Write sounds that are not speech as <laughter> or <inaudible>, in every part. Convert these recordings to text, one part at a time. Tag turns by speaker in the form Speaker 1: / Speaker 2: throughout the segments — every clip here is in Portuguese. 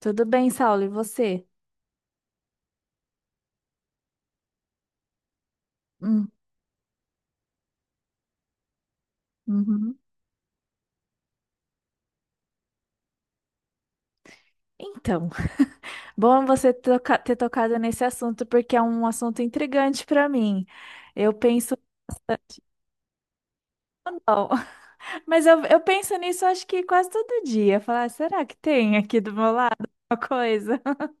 Speaker 1: Tudo bem, Saulo, e você? Hum, uhum. Então, <laughs> bom ter tocado nesse assunto, porque é um assunto intrigante para mim. Eu penso bastante. Ou Não, <laughs> mas eu penso nisso, acho que quase todo dia. Falar, "Ah, será que tem aqui do meu lado uma coisa?" <laughs>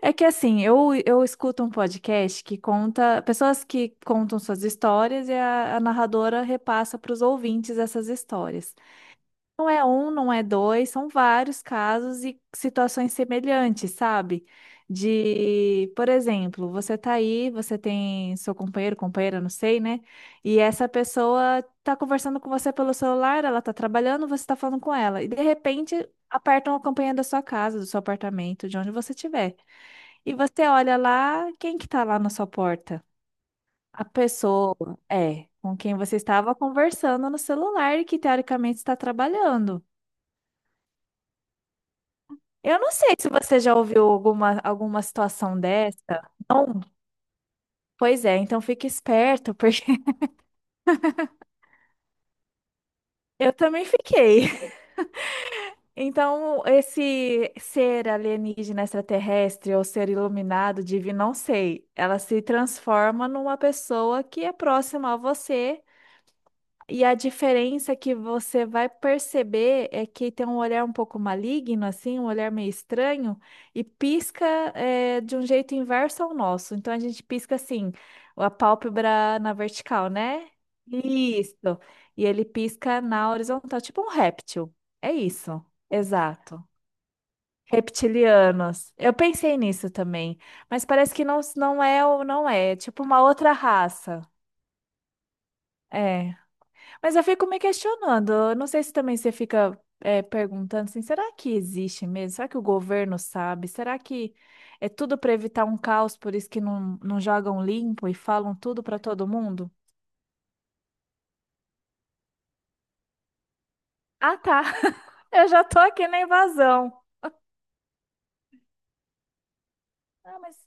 Speaker 1: É que assim, eu escuto um podcast que conta, pessoas que contam suas histórias e a narradora repassa para os ouvintes essas histórias. Não é um, não é dois, são vários casos e situações semelhantes, sabe? De, por exemplo, você tá aí, você tem seu companheiro, companheira, não sei, né? E essa pessoa tá conversando com você pelo celular, ela tá trabalhando, você tá falando com ela. E de repente apertam a campainha da sua casa, do seu apartamento, de onde você estiver. E você olha lá, quem que tá lá na sua porta? A pessoa, é, com quem você estava conversando no celular e que teoricamente está trabalhando. Eu não sei se você já ouviu alguma situação dessa. Não? Pois é, então fique esperto, porque <laughs> eu também fiquei. Então, esse ser alienígena extraterrestre ou ser iluminado, divino, não sei, ela se transforma numa pessoa que é próxima a você. E a diferença que você vai perceber é que tem um olhar um pouco maligno, assim, um olhar meio estranho, e pisca, de um jeito inverso ao nosso. Então a gente pisca assim, a pálpebra na vertical, né? Isso. E ele pisca na horizontal, tipo um réptil. É isso. Exato. Reptilianos. Eu pensei nisso também, mas parece que não, não é, ou não é, é tipo uma outra raça. É. Mas eu fico me questionando. Eu Não sei se também você fica perguntando assim, será que existe mesmo? Será que o governo sabe? Será que é tudo para evitar um caos, por isso que não, não jogam limpo e falam tudo para todo mundo? Ah, tá. <laughs> Eu já tô aqui na invasão. Ah, mas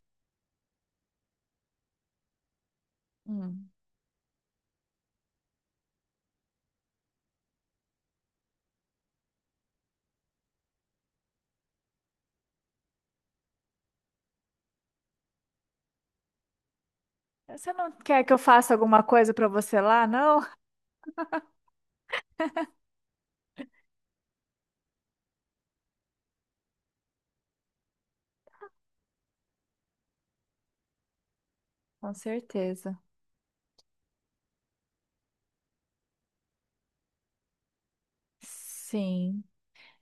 Speaker 1: hum, você não quer que eu faça alguma coisa para você lá, não? Com certeza. Sim.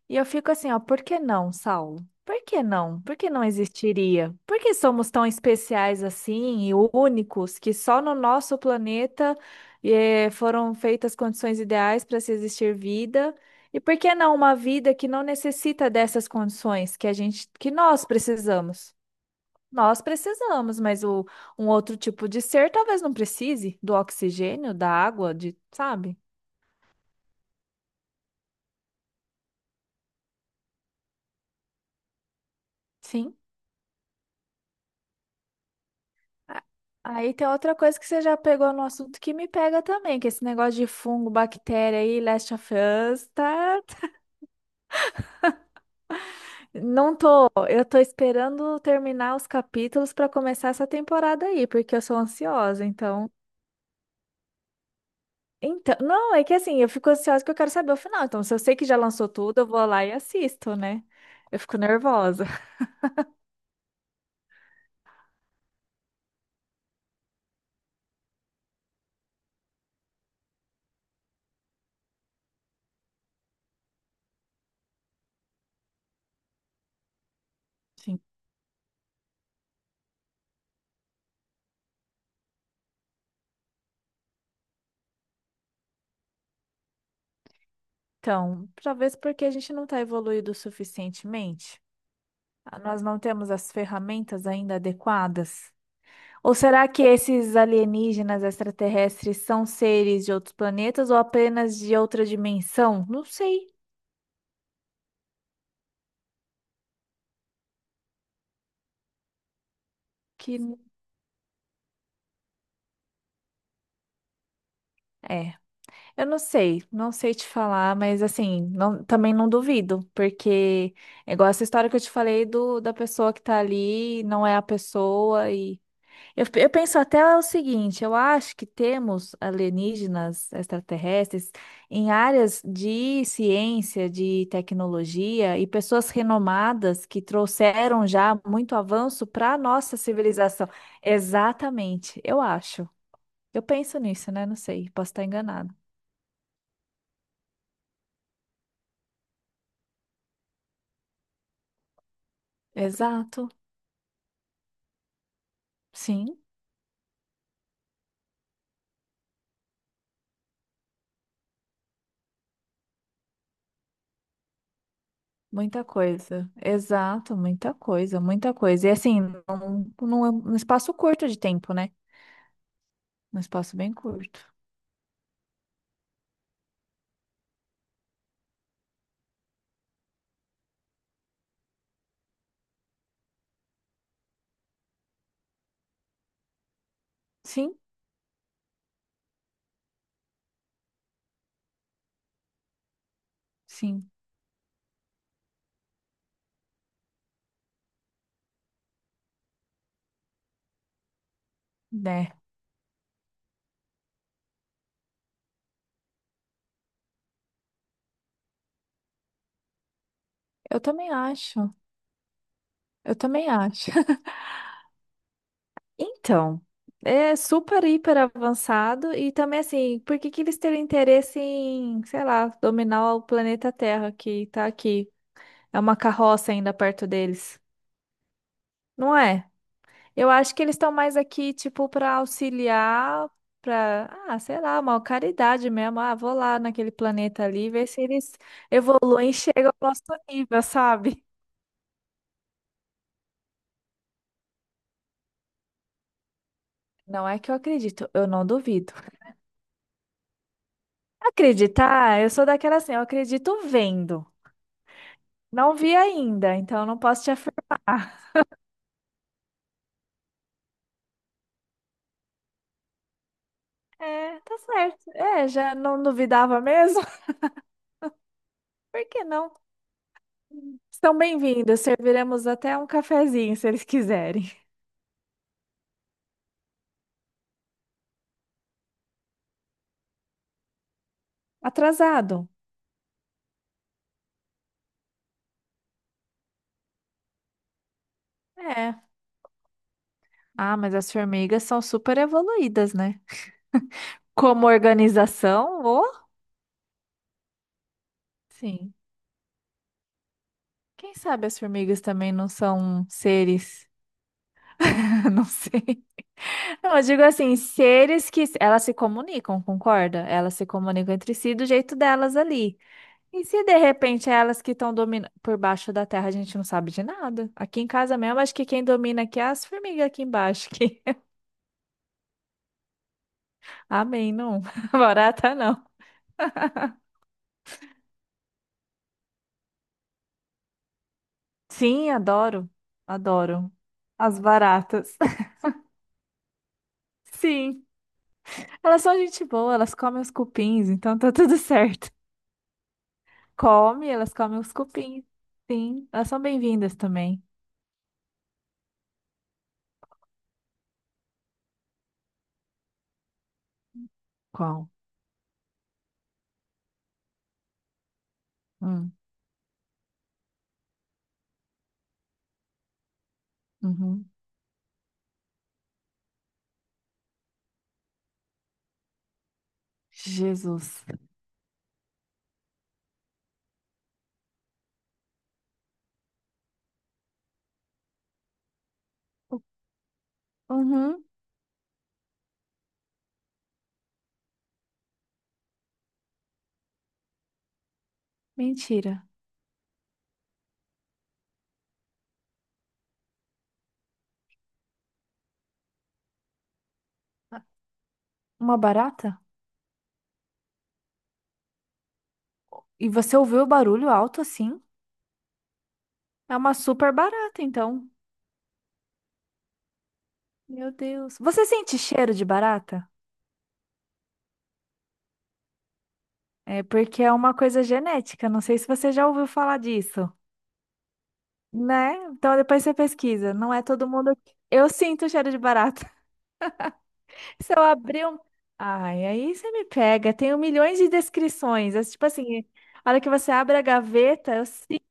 Speaker 1: E eu fico assim, ó, por que não, Saulo? Por que não? Por que não existiria? Por que somos tão especiais assim e únicos que só no nosso planeta foram feitas condições ideais para se existir vida? E por que não uma vida que não necessita dessas condições que a gente, que nós precisamos? Nós precisamos, mas o, um outro tipo de ser talvez não precise do oxigênio, da água, de, sabe? Sim. A- Aí tem outra coisa que você já pegou no assunto que me pega também, que esse negócio de fungo, bactéria aí, Last of Us, tá? Não tô, eu tô esperando terminar os capítulos pra começar essa temporada aí, porque eu sou ansiosa, então. Então, não, é que assim, eu fico ansiosa que eu quero saber o final. Então, se eu sei que já lançou tudo, eu vou lá e assisto, né? Eu fico nervosa. <laughs> Então, talvez porque a gente não tá evoluído suficientemente. Nós não temos as ferramentas ainda adequadas. Ou será que esses alienígenas extraterrestres são seres de outros planetas ou apenas de outra dimensão? Não sei. Que é. Eu não sei, não sei te falar, mas assim, não- também não duvido, porque é igual essa história que eu te falei do da pessoa que tá ali, não é a pessoa. Eu penso até o seguinte, eu acho que temos alienígenas extraterrestres em áreas de ciência, de tecnologia e pessoas renomadas que trouxeram já muito avanço para a nossa civilização. Exatamente, eu acho. Eu penso nisso, né? Não sei, posso estar enganado. Exato, sim, muita coisa. Exato, muita coisa, muita coisa. E assim, num, num espaço curto de tempo, né? Num espaço bem curto. Sim. Sim. Né? Eu também acho. Eu também acho. <laughs> Então, é super hiper avançado e também assim, por que que eles teriam interesse em, sei lá, dominar o planeta Terra que tá aqui? É uma carroça ainda perto deles, não é? Eu acho que eles estão mais aqui, tipo, para auxiliar, para, ah, sei lá, uma caridade mesmo. Ah, vou lá naquele planeta ali, ver se eles evoluem e chegam ao nosso nível, sabe? Não é que eu acredito, eu não duvido. Acreditar, eu sou daquela assim, eu acredito vendo. Não vi ainda, então não posso te afirmar. <laughs> É, tá certo. É, já não duvidava mesmo? <laughs> Por que não? Estão bem-vindos, serviremos até um cafezinho, se eles quiserem. Atrasado? É. Ah, mas as formigas são super evoluídas, né? Como organização, ô? Sim. Quem sabe as formigas também não são seres? <laughs> Não sei. Não, eu digo assim, seres que elas se comunicam, concorda? Elas se comunicam entre si do jeito delas ali. E se de repente é elas que estão dominando por baixo da terra, a gente não sabe de nada. Aqui em casa mesmo, acho que quem domina aqui é as formigas aqui embaixo. Que... <laughs> Amém, não. <laughs> Barata não. Sim, adoro. Adoro. As baratas. <laughs> Sim, elas são gente boa, elas comem os cupins, então tá tudo certo. Come, elas comem os cupins. Sim, elas são bem-vindas também. Qual? Hum. Uhum. Jesus. Uhum. Mentira. Uma barata? E você ouviu o barulho alto assim? É uma super barata, então. Meu Deus. Você sente cheiro de barata? É porque é uma coisa genética. Não sei se você já ouviu falar disso, né? Então depois você pesquisa. Não é todo mundo. <laughs> Eu sinto cheiro de barata. <laughs> Se eu abrir um. Ai, aí você me pega. Tenho milhões de descrições. É tipo assim, a hora que você abre a gaveta, eu sinto.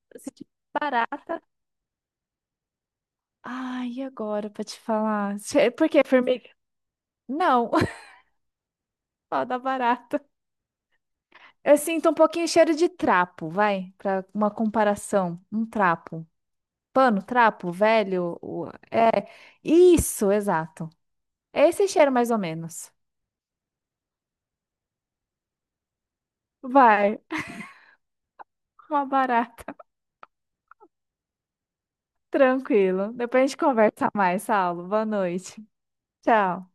Speaker 1: Ai, e agora pra te falar? Por que formiga? Não, <laughs> fala da barata. Eu sinto um pouquinho cheiro de trapo, vai, pra uma comparação. Um trapo. Pano, trapo, velho. É, isso, exato. É esse cheiro mais ou menos. Vai, uma barata. Tranquilo. Depois a gente conversa mais, Saulo. Boa noite. Tchau.